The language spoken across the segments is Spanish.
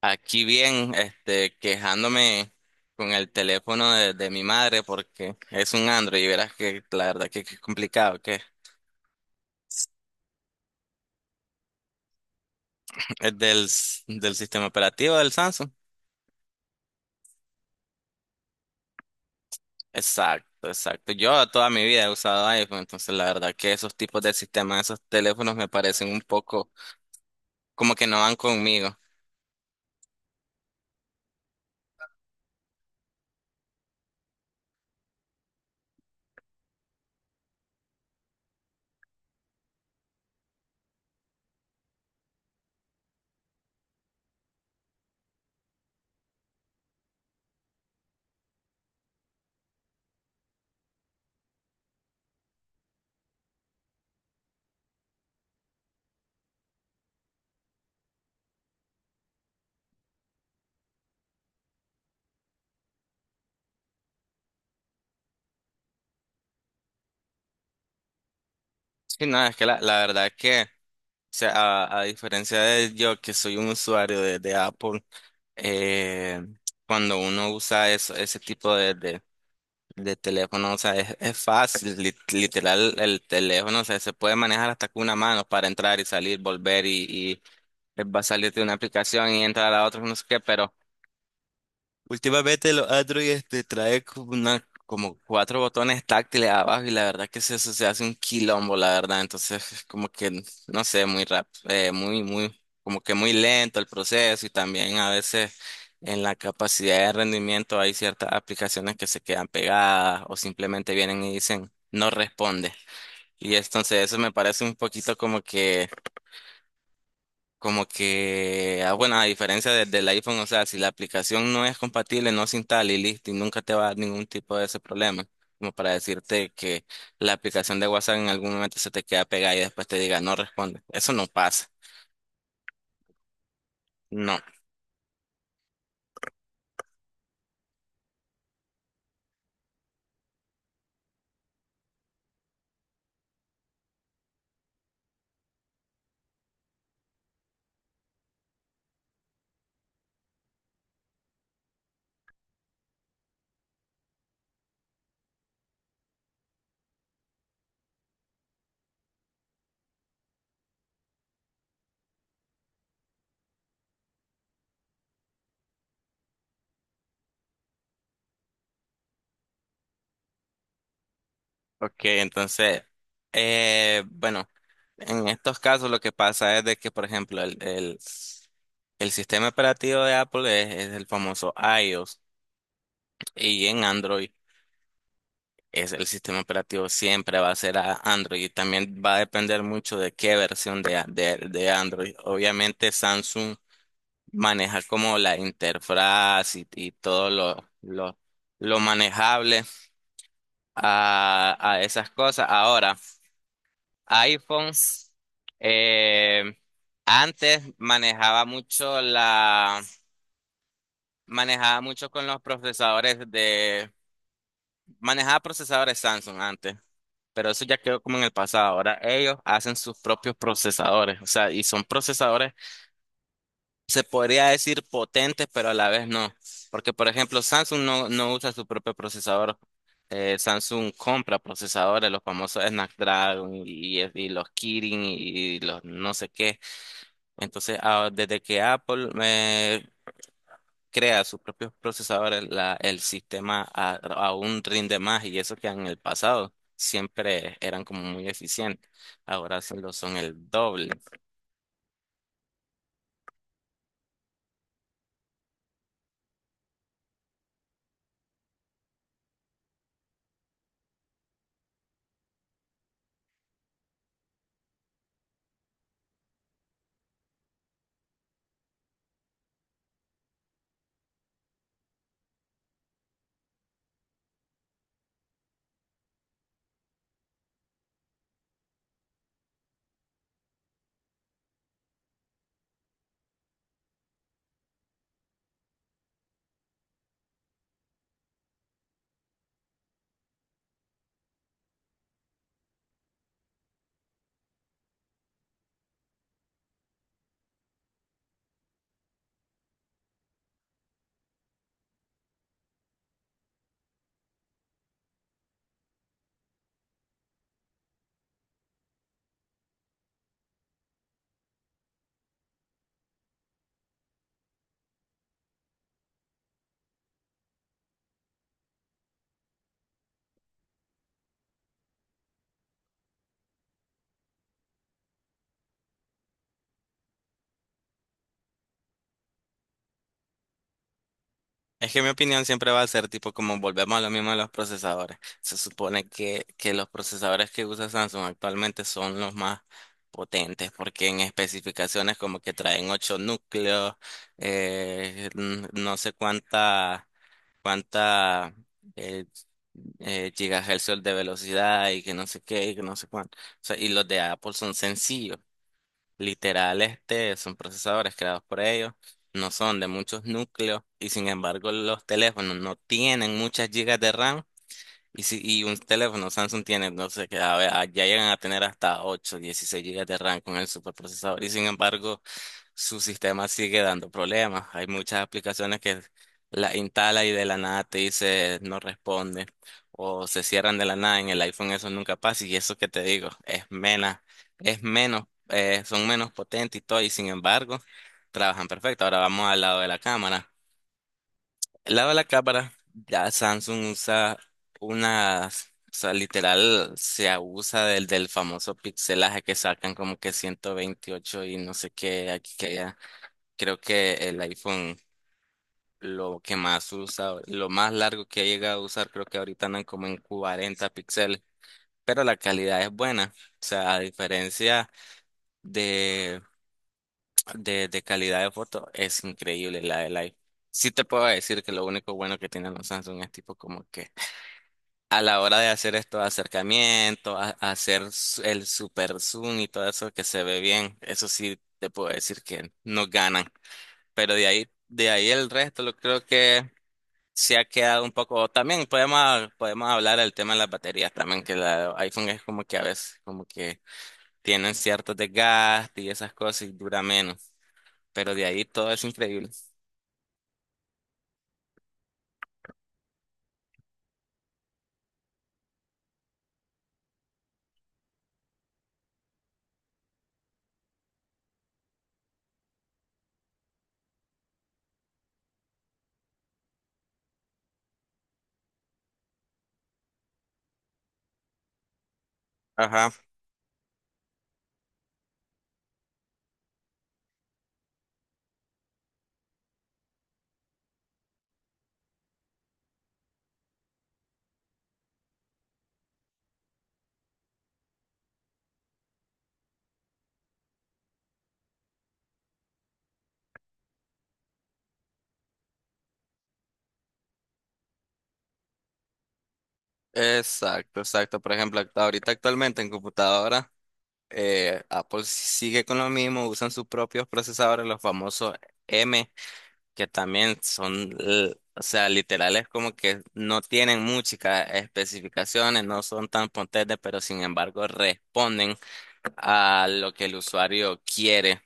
Aquí bien, quejándome con el teléfono de mi madre porque es un Android y verás que la verdad que es complicado, que es del sistema operativo del Samsung. Exacto, exacto. Yo toda mi vida he usado iPhone, entonces la verdad que esos tipos de sistemas, esos teléfonos me parecen un poco como que no van conmigo. Sí, no, es que la verdad que, o sea, a diferencia de yo que soy un usuario de Apple, eh, cuando uno usa eso, ese tipo de teléfono, o sea, es fácil, literal, el teléfono, o sea, se puede manejar hasta con una mano para entrar y salir, volver y va a salir de una aplicación y entrar a otra, no sé qué, pero últimamente los Android trae como, como cuatro botones táctiles abajo y la verdad que se hace un quilombo, la verdad. Entonces, es como que, no sé, como que muy lento el proceso y también a veces en la capacidad de rendimiento hay ciertas aplicaciones que se quedan pegadas o simplemente vienen y dicen no responde. Y entonces eso me parece un poquito como que, bueno, a diferencia del iPhone, o sea, si la aplicación no es compatible, no se instala y listo, y nunca te va a dar ningún tipo de ese problema. Como para decirte que la aplicación de WhatsApp en algún momento se te queda pegada y después te diga no responde. Eso no pasa. No. Ok, entonces, bueno, en estos casos lo que pasa es de que, por ejemplo, el sistema operativo de Apple es el famoso iOS y en Android, es el sistema operativo, siempre va a ser a Android, y también va a depender mucho de qué versión de Android. Obviamente Samsung maneja como la interfaz y todo lo manejable a esas cosas. Ahora, iPhone, eh, antes manejaba mucho con los procesadores manejaba procesadores Samsung antes. Pero eso ya quedó como en el pasado. Ahora ellos hacen sus propios procesadores, o sea, y son procesadores, se podría decir potentes, pero a la vez no. Porque, por ejemplo, Samsung no usa su propio procesador. Samsung compra procesadores, los famosos Snapdragon y los Kirin y los no sé qué. Entonces, desde que Apple crea sus propios procesadores, el sistema aún rinde más, y eso que en el pasado siempre eran como muy eficientes, ahora sí lo son el doble. Es que mi opinión siempre va a ser tipo como volvemos a lo mismo de los procesadores. Se supone que los procesadores que usa Samsung actualmente son los más potentes porque en especificaciones como que traen ocho núcleos, no sé cuánta eh, gigahercios de velocidad y que no sé qué y que no sé cuánto. O sea, y los de Apple son sencillos, literal, son procesadores creados por ellos, no son de muchos núcleos y sin embargo los teléfonos no tienen muchas gigas de RAM. Y, si, y un teléfono Samsung tiene, no sé qué, a ver, ya llegan a tener hasta 8 16 gigas de RAM con el superprocesador. Y sin embargo, su sistema sigue dando problemas. Hay muchas aplicaciones que la instala y de la nada te dice no responde o se cierran de la nada. En el iPhone eso nunca pasa, y eso que te digo es menos, son menos potentes y todo, y sin embargo trabajan perfecto. Ahora vamos al lado de la cámara. El lado de la cámara, ya Samsung usa unas, o sea, literal se abusa del famoso pixelaje que sacan como que 128 y no sé qué aquí que allá. Creo que el iPhone lo que más usa, lo más largo que ha llegado a usar, creo que ahorita andan como en 40 píxeles, pero la calidad es buena. O sea, a diferencia de, de calidad de foto, es increíble la del iPhone. Sí te puedo decir que lo único bueno que tienen los Samsung es tipo como que a la hora de hacer estos acercamientos, a hacer el super zoom y todo eso que se ve bien, eso sí te puedo decir que no ganan. Pero de ahí el resto lo creo que se ha quedado un poco. También podemos hablar del tema de las baterías también, que la iPhone es como que a veces como que tienen ciertos desgastes y esas cosas y dura menos. Pero de ahí todo es increíble. Ajá. Exacto, exacto. Por ejemplo, ahorita actualmente en computadora, Apple sigue con lo mismo, usan sus propios procesadores, los famosos que también son, o sea, literales como que no tienen muchas especificaciones, no son tan potentes, pero sin embargo responden a lo que el usuario quiere.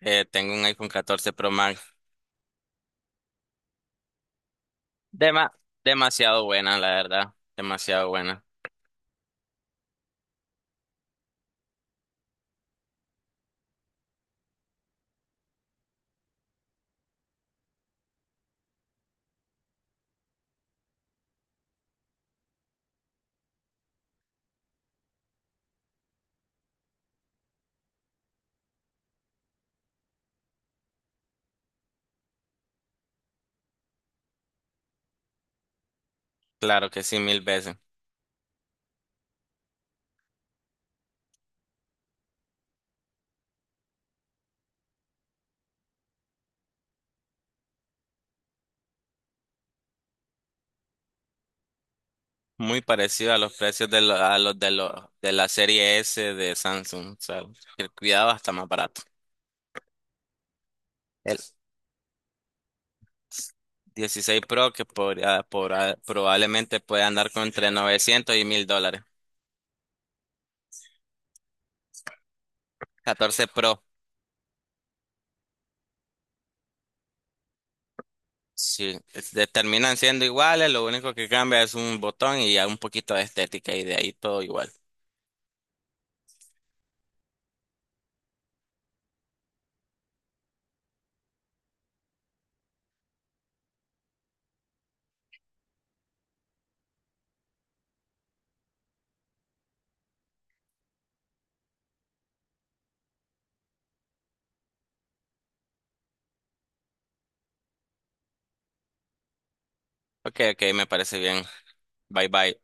Tengo un iPhone 14 Pro Max. Dema- Demasiado buena, la verdad. Demasiado buena. Claro que sí, mil veces. Muy parecido a los precios a los de la serie S de Samsung. O sea, el cuidado está más barato. El- 16 Pro que probablemente puede andar con entre $900 y $1,000. 14 Pro, sí, terminan siendo iguales, lo único que cambia es un botón y ya un poquito de estética y de ahí todo igual. Ok, ok, me parece bien. Bye bye.